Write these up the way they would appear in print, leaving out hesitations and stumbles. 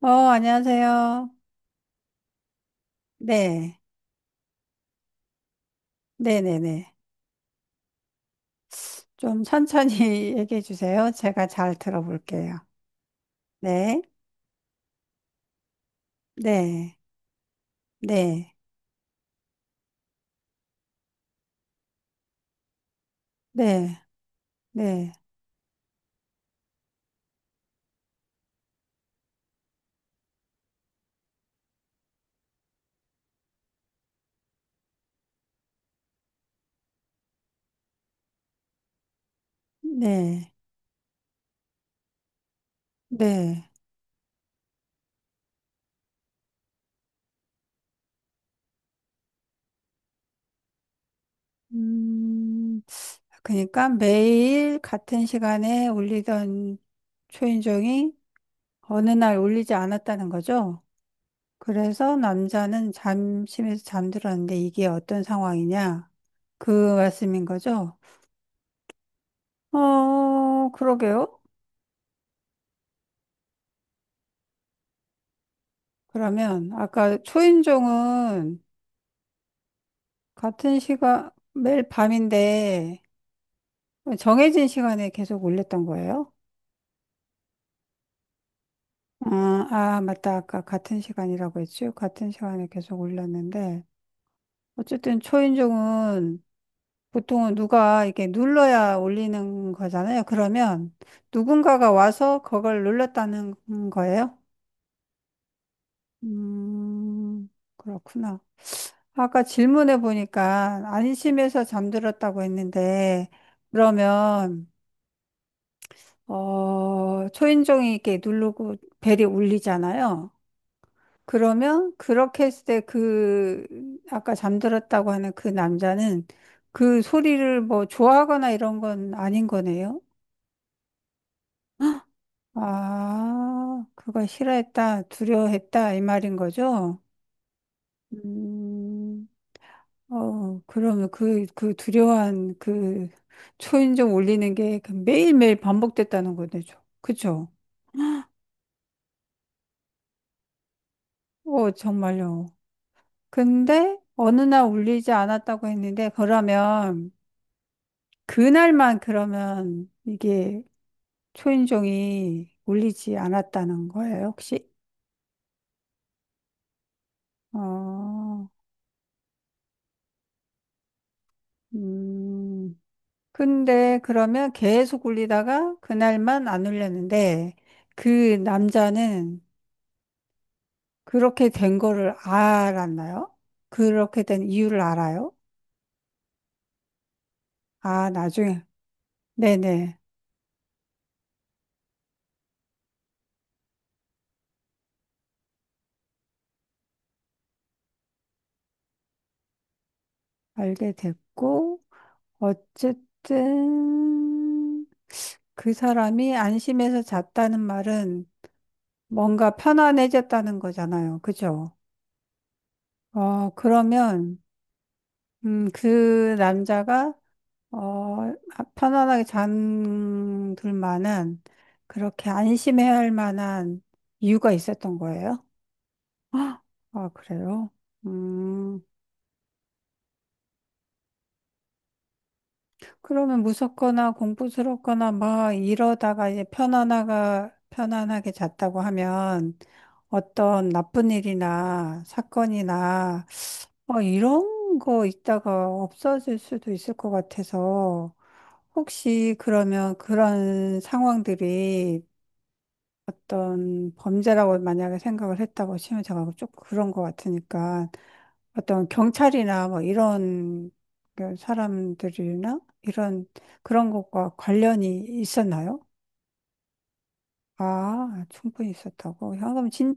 안녕하세요. 네. 네네네. 좀 천천히 얘기해 주세요. 제가 잘 들어볼게요. 네. 네. 네. 네. 네. 네. 네. 음, 그러니까 매일 같은 시간에 울리던 초인종이 어느 날 울리지 않았다는 거죠. 그래서 남자는 잠심에서 잠들었는데 이게 어떤 상황이냐? 그 말씀인 거죠. 그러게요. 그러면 아까 초인종은 같은 시간 매일 밤인데 정해진 시간에 계속 올렸던 거예요? 아, 아, 맞다. 아까 같은 시간이라고 했죠? 같은 시간에 계속 올렸는데 어쨌든 초인종은 보통은 누가 이렇게 눌러야 올리는 거잖아요. 그러면 누군가가 와서 그걸 눌렀다는 거예요? 음. 그렇구나. 아까 질문해 보니까 안심해서 잠들었다고 했는데, 그러면, 초인종이 이렇게 누르고 벨이 울리잖아요. 그러면 그렇게 했을 때 그, 아까 잠들었다고 하는 그 남자는 그 소리를 뭐 좋아하거나 이런 건 아닌 거네요. 아, 그걸 싫어했다, 두려워했다, 이 말인 거죠? 음. 그러면 그, 그 두려운 그 초인종 올리는 게그 매일매일 반복됐다는 거죠. 그쵸? 어, 정말요. 근데 어느 날 올리지 않았다고 했는데, 그러면 그날만 그러면 이게 초인종이 올리지 않았다는 거예요, 혹시? 어, 음. 근데 그러면 계속 올리다가 그날만 안 올렸는데, 그 남자는 그렇게 된 거를 알았나요? 그렇게 된 이유를 알아요? 아, 나중에. 네네. 알게 됐고, 어쨌든 그 사람이 안심해서 잤다는 말은 뭔가 편안해졌다는 거잖아요. 그죠? 그러면, 그 남자가, 어, 편안하게 잠들 만한, 그렇게 안심해야 할 만한 이유가 있었던 거예요? 아, 아, 그래요? 음, 그러면 무섭거나 공포스럽거나 막 이러다가 이제 편안하가, 편안하게 잤다고 하면 어떤 나쁜 일이나 사건이나 뭐 이런 거 있다가 없어질 수도 있을 것 같아서 혹시 그러면 그런 상황들이 어떤 범죄라고 만약에 생각을 했다고 치면 제가 좀 그런 것 같으니까 어떤 경찰이나 뭐 이런 그 사람들이나 이런 그런 것과 관련이 있었나요? 아, 충분히 있었다고. 야, 그럼 진,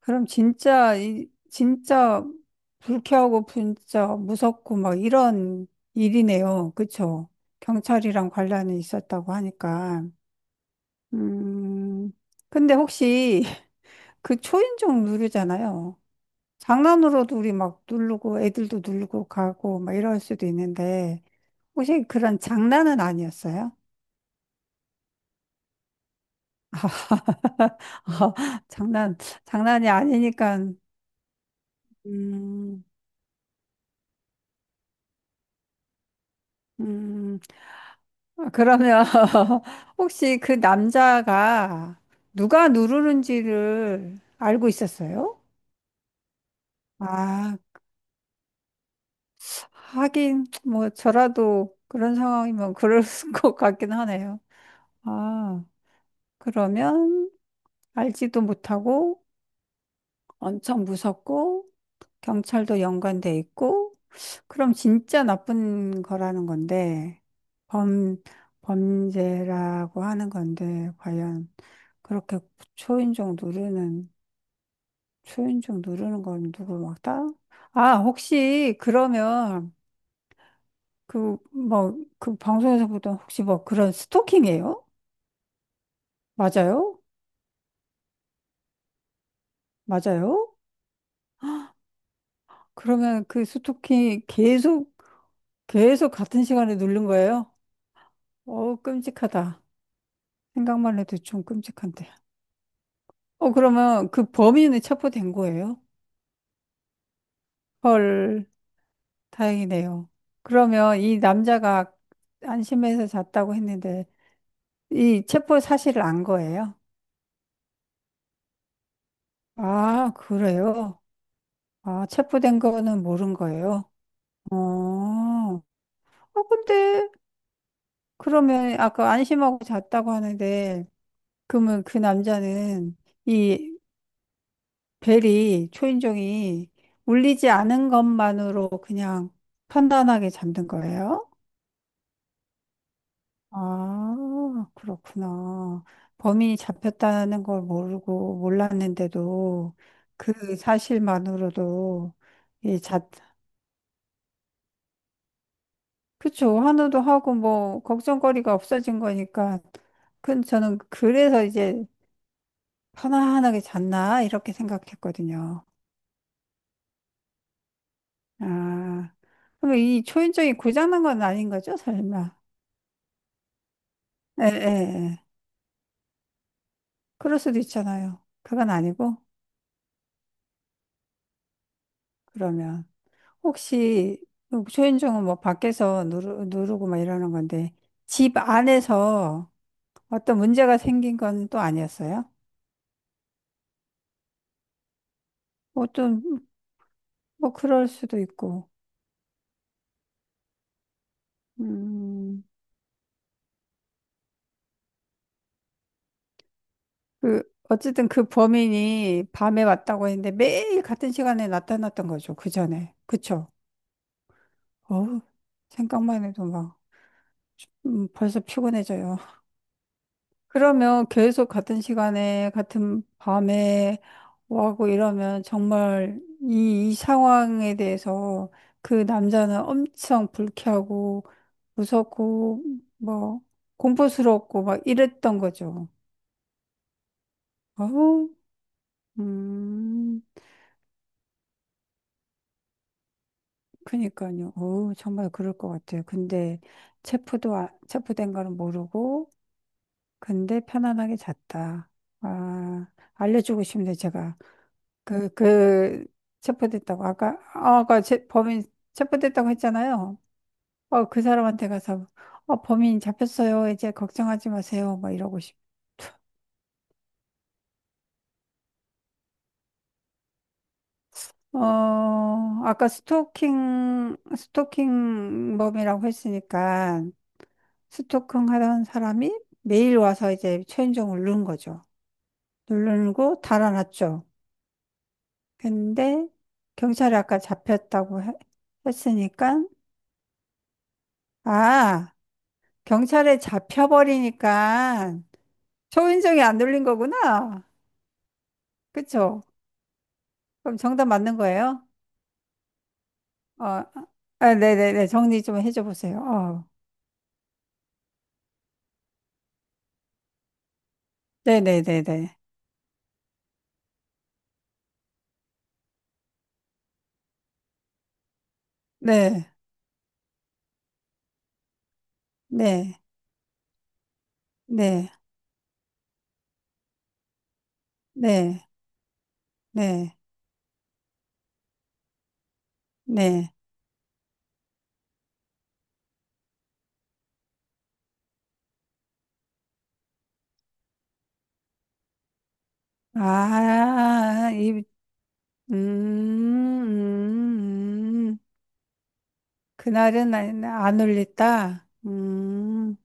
그럼 진짜, 이, 진짜 불쾌하고 진짜 무섭고 막 이런 일이네요. 그쵸? 경찰이랑 관련이 있었다고 하니까. 음. 근데 혹시 그 초인종 누르잖아요. 장난으로도 우리 막 누르고 애들도 누르고 가고 막 이럴 수도 있는데 혹시 그런 장난은 아니었어요? 장난 장난이 아니니까 음, 음 아, 그러면 혹시 그 남자가 누가 누르는지를 알고 있었어요? 아, 하긴 뭐 저라도 그런 상황이면 그럴 것 같긴 하네요. 아, 그러면 알지도 못하고 엄청 무섭고 경찰도 연관돼 있고 그럼 진짜 나쁜 거라는 건데 범 범죄라고 하는 건데 과연 그렇게 초인종 누르는 초인종 누르는 건 누구 막다? 아 혹시 그러면 그 뭐 그 방송에서 보던 혹시 뭐 그런 스토킹이에요? 맞아요? 맞아요? 그러면 그 스토킹 계속 같은 시간에 누른 거예요? 어, 끔찍하다. 생각만 해도 좀 끔찍한데. 어, 그러면 그 범인은 체포된 거예요? 헐, 다행이네요. 그러면 이 남자가 안심해서 잤다고 했는데, 이 체포 사실을 안 거예요? 아, 그래요? 아, 체포된 거는 모른 거예요? 어, 어, 근데, 그러면 아까 안심하고 잤다고 하는데, 그러면 그 남자는 이 벨이, 초인종이 울리지 않은 것만으로 그냥 편안하게 잠든 거예요? 아, 그렇구나. 범인이 잡혔다는 걸 모르고 몰랐는데도 그 사실만으로도 이 자, 그쵸. 환호도 하고 뭐 걱정거리가 없어진 거니까. 그 저는 그래서 이제 편안하게 잤나 이렇게 생각했거든요. 아, 그럼 이 초인종이 고장난 건 아닌 거죠, 설마? 예, 예, 예. 그럴 수도 있잖아요. 그건 아니고, 그러면. 혹시, 뭐 초인종은 뭐 밖에서 누르, 누르고 막 이러는 건데, 집 안에서 어떤 문제가 생긴 건 또 아니었어요? 어떤, 뭐 그럴 수도 있고, 음, 그, 어쨌든 그 범인이 밤에 왔다고 했는데 매일 같은 시간에 나타났던 거죠. 그 전에. 그쵸? 어우, 생각만 해도 막, 벌써 피곤해져요. 그러면 계속 같은 시간에, 같은 밤에 와고 이러면 정말 이, 이 상황에 대해서 그 남자는 엄청 불쾌하고 무섭고 뭐 공포스럽고 막 이랬던 거죠. 어우, 음, 그니까요. 어우, 정말 그럴 것 같아요. 근데 체포도, 아- 체포된 거는 모르고, 근데 편안하게 잤다. 아, 알려주고 싶네, 제가. 그, 그, 체포됐다고, 아까, 아, 아까 제, 범인 체포됐다고 했잖아요. 어, 그 사람한테 가서, 어, 범인 잡혔어요. 이제 걱정하지 마세요. 막 이러고 싶. 어, 아까 스토킹범이라고 했으니까, 스토킹 하던 사람이 매일 와서 이제 최은정을 누른 거죠. 누르고 달아났죠. 근데, 경찰이 아까 잡혔다고 해- 했으니까, 아, 경찰에 잡혀버리니까, 초인종이 안 눌린 거구나. 그쵸? 그럼 정답 맞는 거예요? 어, 아, 네네네. 정리 좀 해줘 보세요. 어, 네네네네. 네, 네, 네, 네, 네, 네. 아, 이, 음, 음, 음. 그날은 안, 안 울렸다.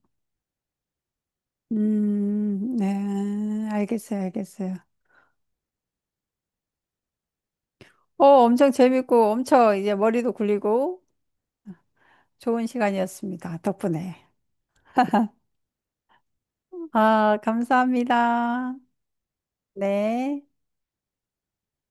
네. 알겠어요, 알겠어요. 어, 엄청 재밌고, 엄청 이제 머리도 굴리고, 좋은 시간이었습니다. 덕분에. 아, 감사합니다. 네.